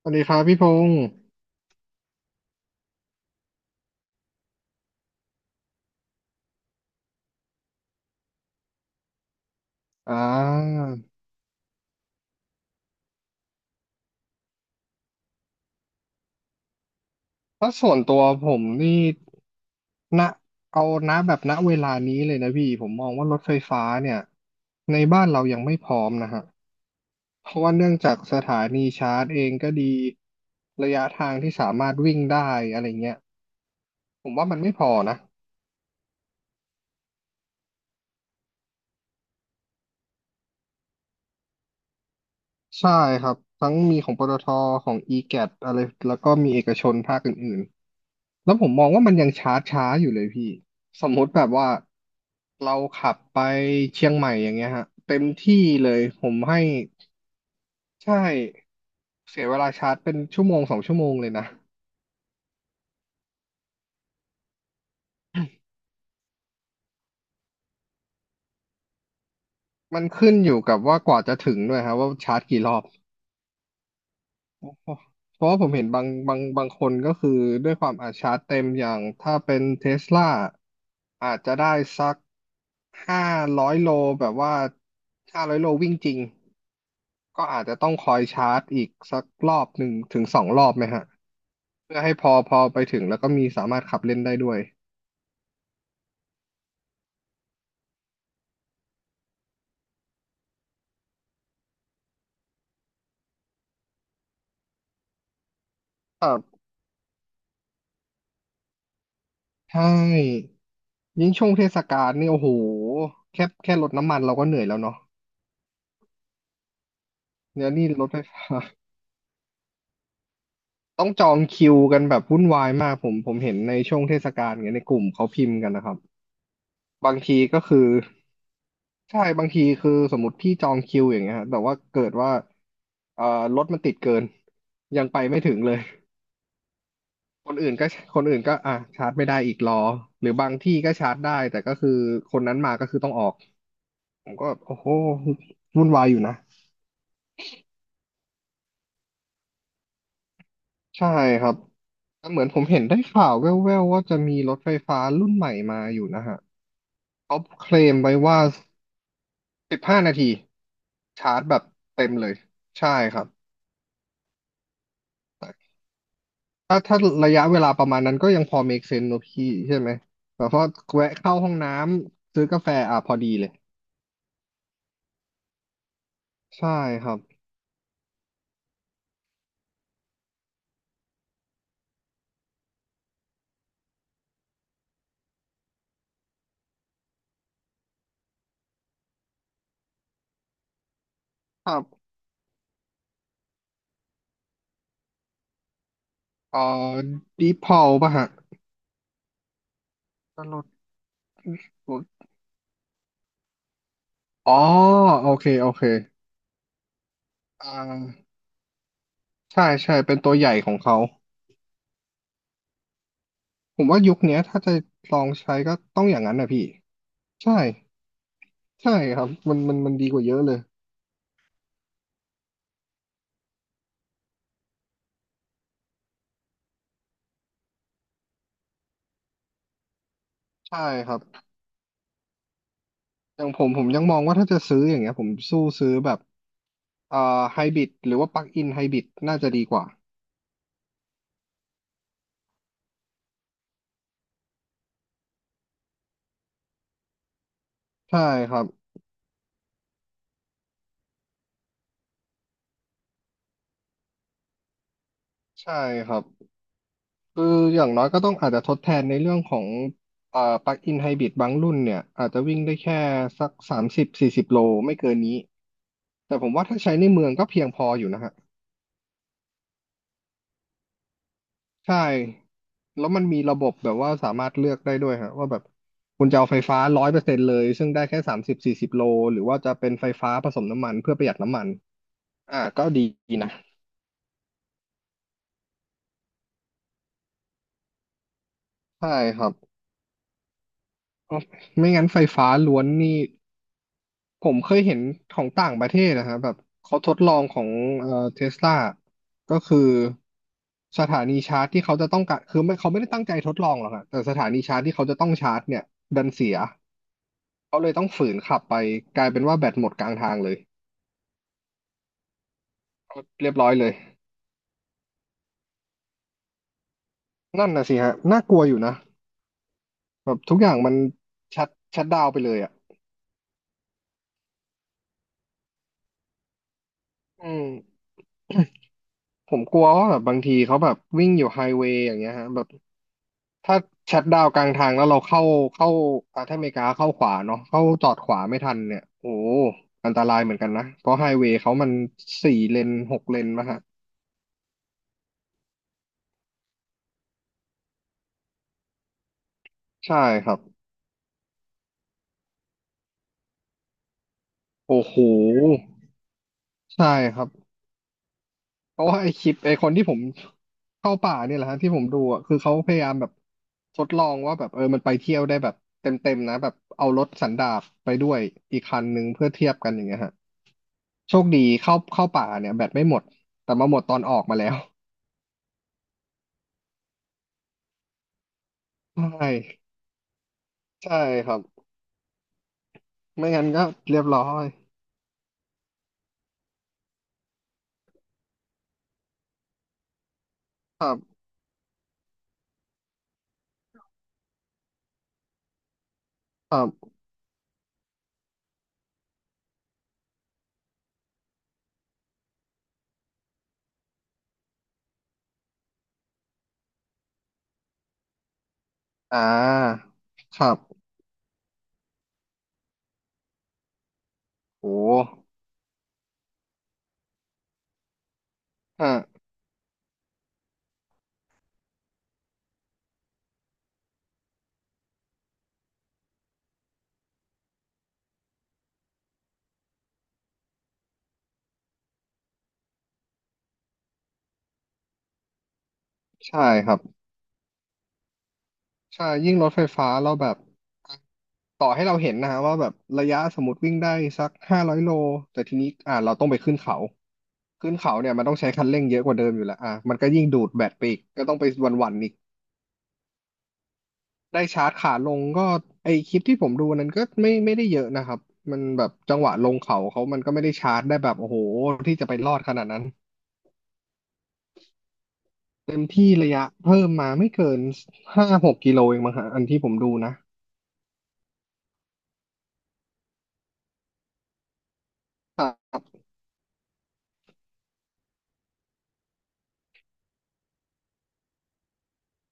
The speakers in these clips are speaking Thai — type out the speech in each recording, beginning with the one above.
สวัสดีครับพี่พงศ์อ่าถ้าส่วนตัวผมนี่ณเอาณแบบณเวลานี้เลยนะพี่ ผมมองว่ารถไฟฟ้าเนี่ย ในบ้านเรายังไม่พร้อมนะฮะ เพราะว่าเนื่องจากสถานีชาร์จเองก็ดี ระยะทางที่สามารถวิ่งได้อะไรเงี้ย ผมว่ามันไม่พอนะ ใช่ครับทั้งมีของปตทของ e g ก t อะไรแล้วก็มีเอกชนภาคอื่นๆแล้วผมมองว่ามันยังช้าช้าอยู่เลยพี่สมมติแบบว่าเราขับไปเชียงใหม่อย่างเงี้ยฮะเต็มที่เลยผมให้ใช่เสียเวลาชาร์จเป็นชั่วโมงสองชั่วโมงเลยนะมันขึ้นอยู่กับว่ากว่าจะถึงด้วยครับว่าชาร์จกี่รอบเพราะว่าผมเห็นบางคนก็คือด้วยความอาชาร์จเต็มอย่างถ้าเป็นเทสลา อาจจะได้สัก500 โลแบบว่าห้าร้อยโลวิ่งจริงก็อาจจะต้องคอยชาร์จอีกสักรอบหนึ่งถึงสองรอบไหมฮะเพื่อให้พอพอไปถึงแล้วก็มีสามารถขับเล่นได้ด้วยครับใช่ยิ่งช่วงเทศกาลนี่โอ้โหแค่รดน้ำมันเราก็เหนื่อยแล้วเนาะเนี่ยนี่รถไฟฟ้า ต้องจองคิวกันแบบวุ่นวายมากผมเห็นในช่วงเทศกาลเงี้ยในกลุ่มเขาพิมพ์กันนะครับบางทีก็คือ ใช่บางทีคือสมมติพี่จองคิวอย่างเงี้ยฮะแต่ว่าเกิดว่าเอ่อรถมันติดเกินยังไปไม่ถึงเลยคนอื่นก็คนอื่นก็อ่ะชาร์จไม่ได้อีกรอหรือบางที่ก็ชาร์จได้แต่ก็คือคนนั้นมาก็คือต้องออกผมก็โอ้โหวุ่นวายอยู่นะใช่ครับแตเหมือนผมเห็นได้ข่าวแว่วๆว่าจะมีรถไฟฟ้ารุ่นใหม่มาอยู่นะฮะเขาเคลมไว้ว่า15นาทีชาร์จแบบเต็มเลยใช่ครับ ถ้าระยะเวลาประมาณนั้นก็ยังพอ make sense เนอะพี่ใช่ไหมแบบว่าแวะเข้าห้องน้ำซื้อกาแฟอ่ะพอดีเลยใช่ครับครับเอ่อดีพอลป่ะฮะตลดรถอ๋อโอเคโอเคอ่าใช่ใช่เป็นตัวใหญ่ของเขาผมว่ายุคเนี้ยถ้าจะลองใช้ก็ต้องอย่างนั้นนะพี่ใช่ใช่ครับมันดีกว่าเยอะเลยใช่ครับอย่างผมยังมองว่าถ้าจะซื้ออย่างเงี้ยผมสู้ซื้อแบบเอ่อไฮบริดหรือว่าปลั๊กอินไฮบริดน่าจะดีกว่า ใช่ครับใช่ครับคืออย่างน้อยก็ต้องอาจจะทดแทนในเรื่องของปลั๊กอินไฮบริดบางรุ่นเนี่ยอาจจะวิ่งได้แค่สักสามสิบสี่สิบโลไม่เกินนี้แต่ผมว่าถ้าใช้ในเมืองก็เพียงพออยู่นะฮะใช่แล้วมันมีระบบแบบว่าสามารถเลือกได้ด้วยฮะว่าแบบคุณจะเอาไฟฟ้า100%เลยซึ่งได้แค่สามสิบสี่สิบโลหรือว่าจะเป็นไฟฟ้าผสมน้ำมันเพื่อประหยัดน้ำมันอ่าก็ดีนะใช่ครับอ๋อไม่งั้นไฟฟ้าล้วนนี่ ผมเคยเห็นของต่างประเทศนะฮะแบบเขาทดลองของเอ่อเทสลาก็คือสถานีชาร์จที่เขาจะต้องการคือไม่เขาไม่ได้ตั้งใจทดลองหรอกอะแต่สถานีชาร์จที่เขาจะต้องชาร์จเนี่ยดันเสีย เขาเลยต้องฝืนขับไปกลายเป็นว่าแบตหมดกลางทางเลยเรียบร้อยเลยนั่นนะสิฮะน่ากลัวอยู่นะแบบทุกอย่างมันชัดชัดดาวน์ไปเลยอ่ะอืมผมกลัวว่าแบบบางทีเขาแบบวิ่งอยู่ไฮเวย์อย่างเงี้ยฮะแบบ ถ้าชัตดาวน์กลางทางแล้วเราเข้าอ่าถ้าอเมริกาเข้าขวาเนาะเข้าจอดขวาไม่ทันเนี่ยโอ้อันตรายเหมือนกันนะเพราะไฮเวย์เขามัน4 เลน 6 เลนมะฮะใช่ครับโอ้โหใช่ครับเพราะว่าไอคลิปไอคนที่ผมเข้าป่าเนี่ยแหละฮะที่ผมดูอ่ะคือเขาพยายามแบบทดลองว่าแบบเออมันไปเที่ยวได้แบบเต็มๆนะแบบเอารถสันดาปไปด้วยอีกคันหนึงเพื่อเทียบกันอย่างเงี้ยฮะโชคดีเข้าป่าเนี่ยแบตไม่หมดแต่มาหมดตอนออกมาแล้วใช่ ใช่ครับไม่งั้นก็เรียบร้อยครับครับอ่าครับโอ้อ่าใช่ครับใช่ยิ่งรถไฟฟ้าเราแบบต่อให้เราเห็นนะฮะว่าแบบระยะสมมติวิ่งได้สักห้าร้อยโล แต่ทีนี้เราต้องไปขึ้นเขาขึ้นเขาเนี่ยมันต้องใช้คันเร่งเยอะกว่าเดิมอยู่แล้วอ่ะมันก็ยิ่งดูดแบตไปอีกก็ต้องไปวันๆอีกได้ชาร์จขาลงก็ไอคลิปที่ผมดูนั้นก็ไม่ได้เยอะนะครับมันแบบจังหวะลงเขาเขามันก็ไม่ได้ชาร์จได้แบบโอ้โหที่จะไปรอดขนาดนั้น เต็มที่ระยะเพิ่มมาไม่เกิน5 6 กิโลเองมั้งฮะอันที่ผมดูนะครับ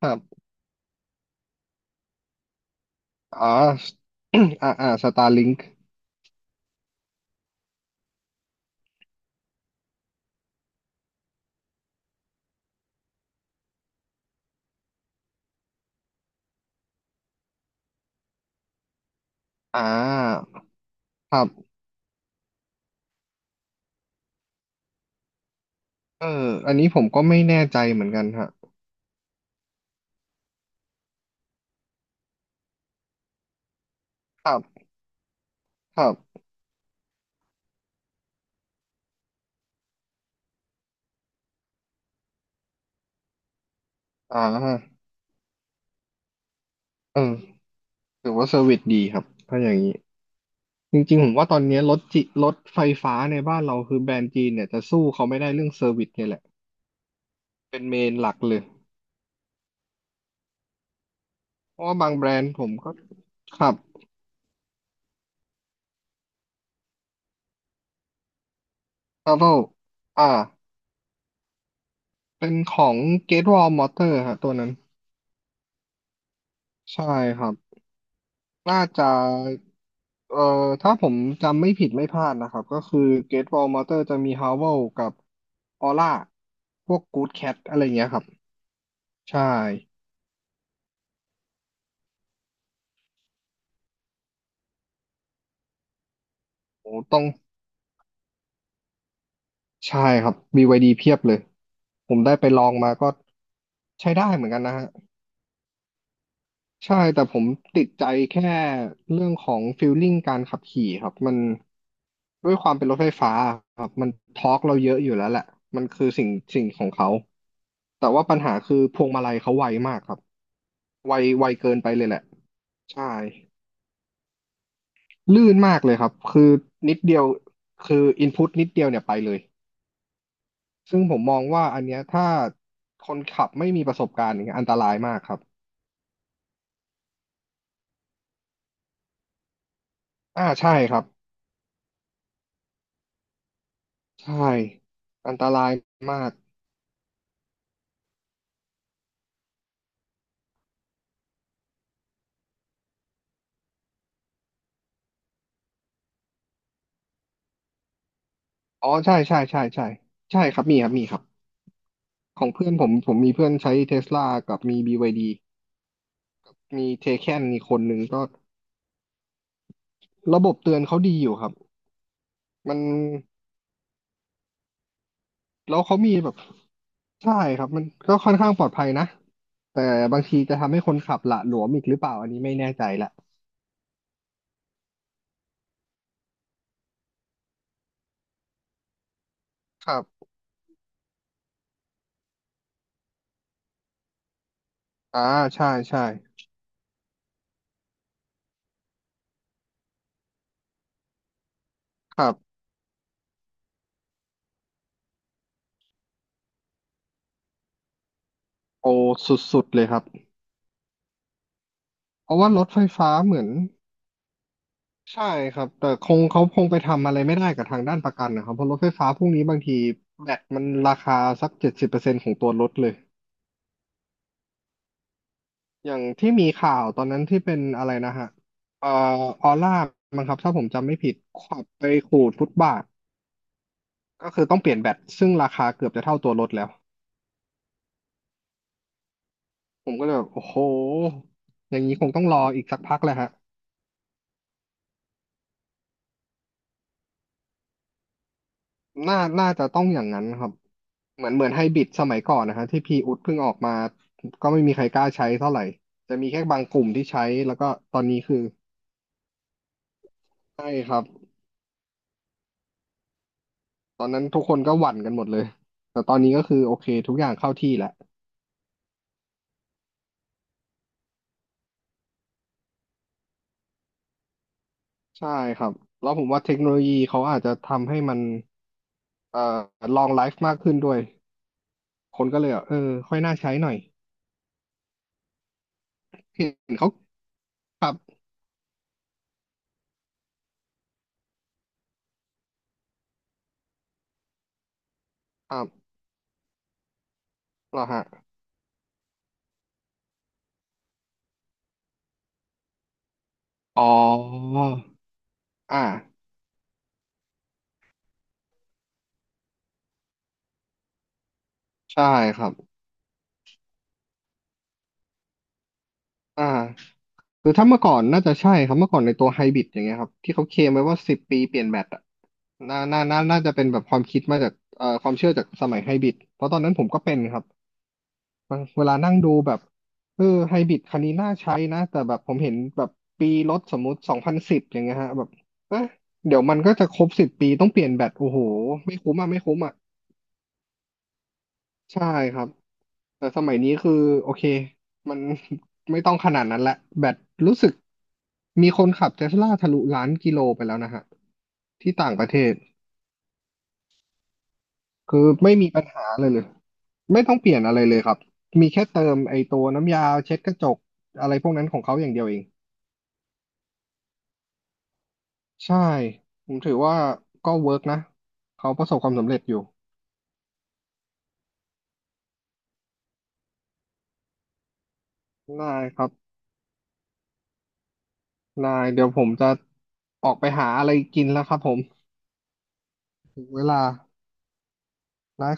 ครับอ๋อ อ่าอ่าสตาร์ลิงอ่าครับเอออันนี้ผมก็ไม่แน่ใจเหมือนกันฮะครับครับอ่าเออถือว่าเซอร์วิสดีครับถ้าอย่างนี้จริงๆผมว่าตอนนี้รถไฟฟ้าในบ้านเราคือแบรนด์จีนเนี่ยจะสู้เขาไม่ได้เรื่องเซอร์วิสเนี่ยแหละเป็นเมนหลักเลยเพราะว่าบางแบรนด์ผมก็ครับทราเวลอ่า เป็นของ Gate Wall Motor ฮะตัวนั้นใช่ครับน่าจะเอ่อถ้าผมจำไม่ผิดไม่พลาดนะครับก็คือ Gate Wall Motor จะมี Howl กับ Aura พวก Good Cat อะไรเงี้ยครับใช่โอ้ต้องใช่ครับบีวายดีเพียบเลยผมได้ไปลองมาก็ใช้ได้เหมือนกันนะฮะ ใช่แต่ผมติดใจแค่เรื่องของฟีลลิ่งการขับขี่ครับมันด้วยความเป็นรถไฟฟ้าครับมันทอร์กเราเยอะอยู่แล้วแหละมันคือสิ่งของเขาแต่ว่าปัญหาคือพวงมาลัยเขาไวมากครับไวไวเกินไปเลยแหละใช่ลื่นมากเลยครับคือนิดเดียวคืออินพุตนิดเดียวเนี่ยไปเลยซึ่งผมมองว่าอันเนี้ยถ้าคนขับไม่มีประสบการณ์อย่างเงี้ยอันตรายมากครับอ่าใช่ครับใช่อันตรายมาก อ๋อใช่ใช่ใช่ใช่ใช่ครับมีครับมีครับของเพื่อนผมผมมีเพื่อนใช้เทสลากับมี BYD มีเทแคนมีคนหนึ่งก็ระบบเตือนเขาดีอยู่ครับมันแล้วเขามีแบบใช่ครับมันก็ค่อนข้างปลอดภัยนะแต่บางทีจะทำให้คนขับหละหลวมอีกหรือเปล่าอันนี้ไม่แน่ใจละครับอ่าใช่ใช่ครับโอสุดๆเลยครับเพราะว่ารถไฟฟ้าเหมือน ใช่ครับแต่คงเขาคงไปทำอะไรไม่ได้กับทางด้านประกันนะครับเพราะรถไฟฟ้าพวกนี้บางทีแบตมันราคาสัก70%ของตัวรถเลยอย่างที่มีข่าวตอนนั้นที่เป็นอะไรนะฮะเอ่อออร่ามั้งครับถ้าผมจำไม่ผิดขับไปขูดฟุตบาทก็คือต้องเปลี่ยนแบตซึ่งราคาเกือบจะเท่าตัวรถแล้วผมก็เลยแบบโอ้โหอย่างนี้คงต้องรออีกสักพักแหละฮะ น่าจะต้องอย่างนั้นครับ เหมือนไฮบริดสมัยก่อนนะฮะที่พีอุดเพิ่งออกมาก็ไม่มีใครกล้าใช้เท่าไหร่ จะมีแค่บางกลุ่มที่ใช้แล้วก็ตอนนี้คือใช่ครับ ตอนนั้นทุกคนก็หวั่นกันหมดเลยแต่ตอนนี้ก็คือโอเคทุกอย่างเข้าที่แล้วใช่ครับแล้วผมว่าเทคโนโลยีเขาอาจจะทำให้มันเอ่อลองไลฟ์มากขึ้นด้วยคนก็เลยแบบเออค่อยน่าใช้หน่อยเห็นเขาครับครับเหรอฮะอ๋ออ่าใช่ครับอ่า คือถ้าเมื่อก่อนน่าจะใช่ครับเมื่อก่อนในตัวไฮบริดอย่างเงี้ยครับที่เขาเคลมไว้ว่าสิบปีเปลี่ยนแบตอะน่าจะเป็นแบบความคิดมาจากความเชื่อจากสมัยไฮบริดเพราะตอนนั้นผมก็เป็นครับบางเวลานั่งดูแบบเออไฮบริดคันนี้น่าใช้นะแต่แบบผมเห็นแบบปีรถสมมุติ2010อย่างเงี้ยฮะแบบเอ๊ะเดี๋ยวมันก็จะครบสิบปีต้องเปลี่ยนแบตโอ้โหไม่คุ้มอ่ะไม่คุ้มอ่ะ ใช่ครับแต่สมัยนี้คือโอเคมัน ไม่ต้องขนาดนั้นละแบตรู้สึกมีคนขับเทสลาทะลุ1,000,000 กิโลไปแล้วนะฮะที่ต่างประเทศคือไม่มีปัญหาเลยเลยไม่ต้องเปลี่ยนอะไรเลยครับมีแค่เติมไอ้ตัวน้ำยาเช็ดกระจกอะไรพวกนั้นของเขาอย่างเดียวเองใช่ผมถือว่าก็เวิร์กนะเขาประสบความสำเร็จอยู่ได้ครับนายเดี๋ยวผมจะออกไปหาอะไรกินแล้วครับผมถึงเวลา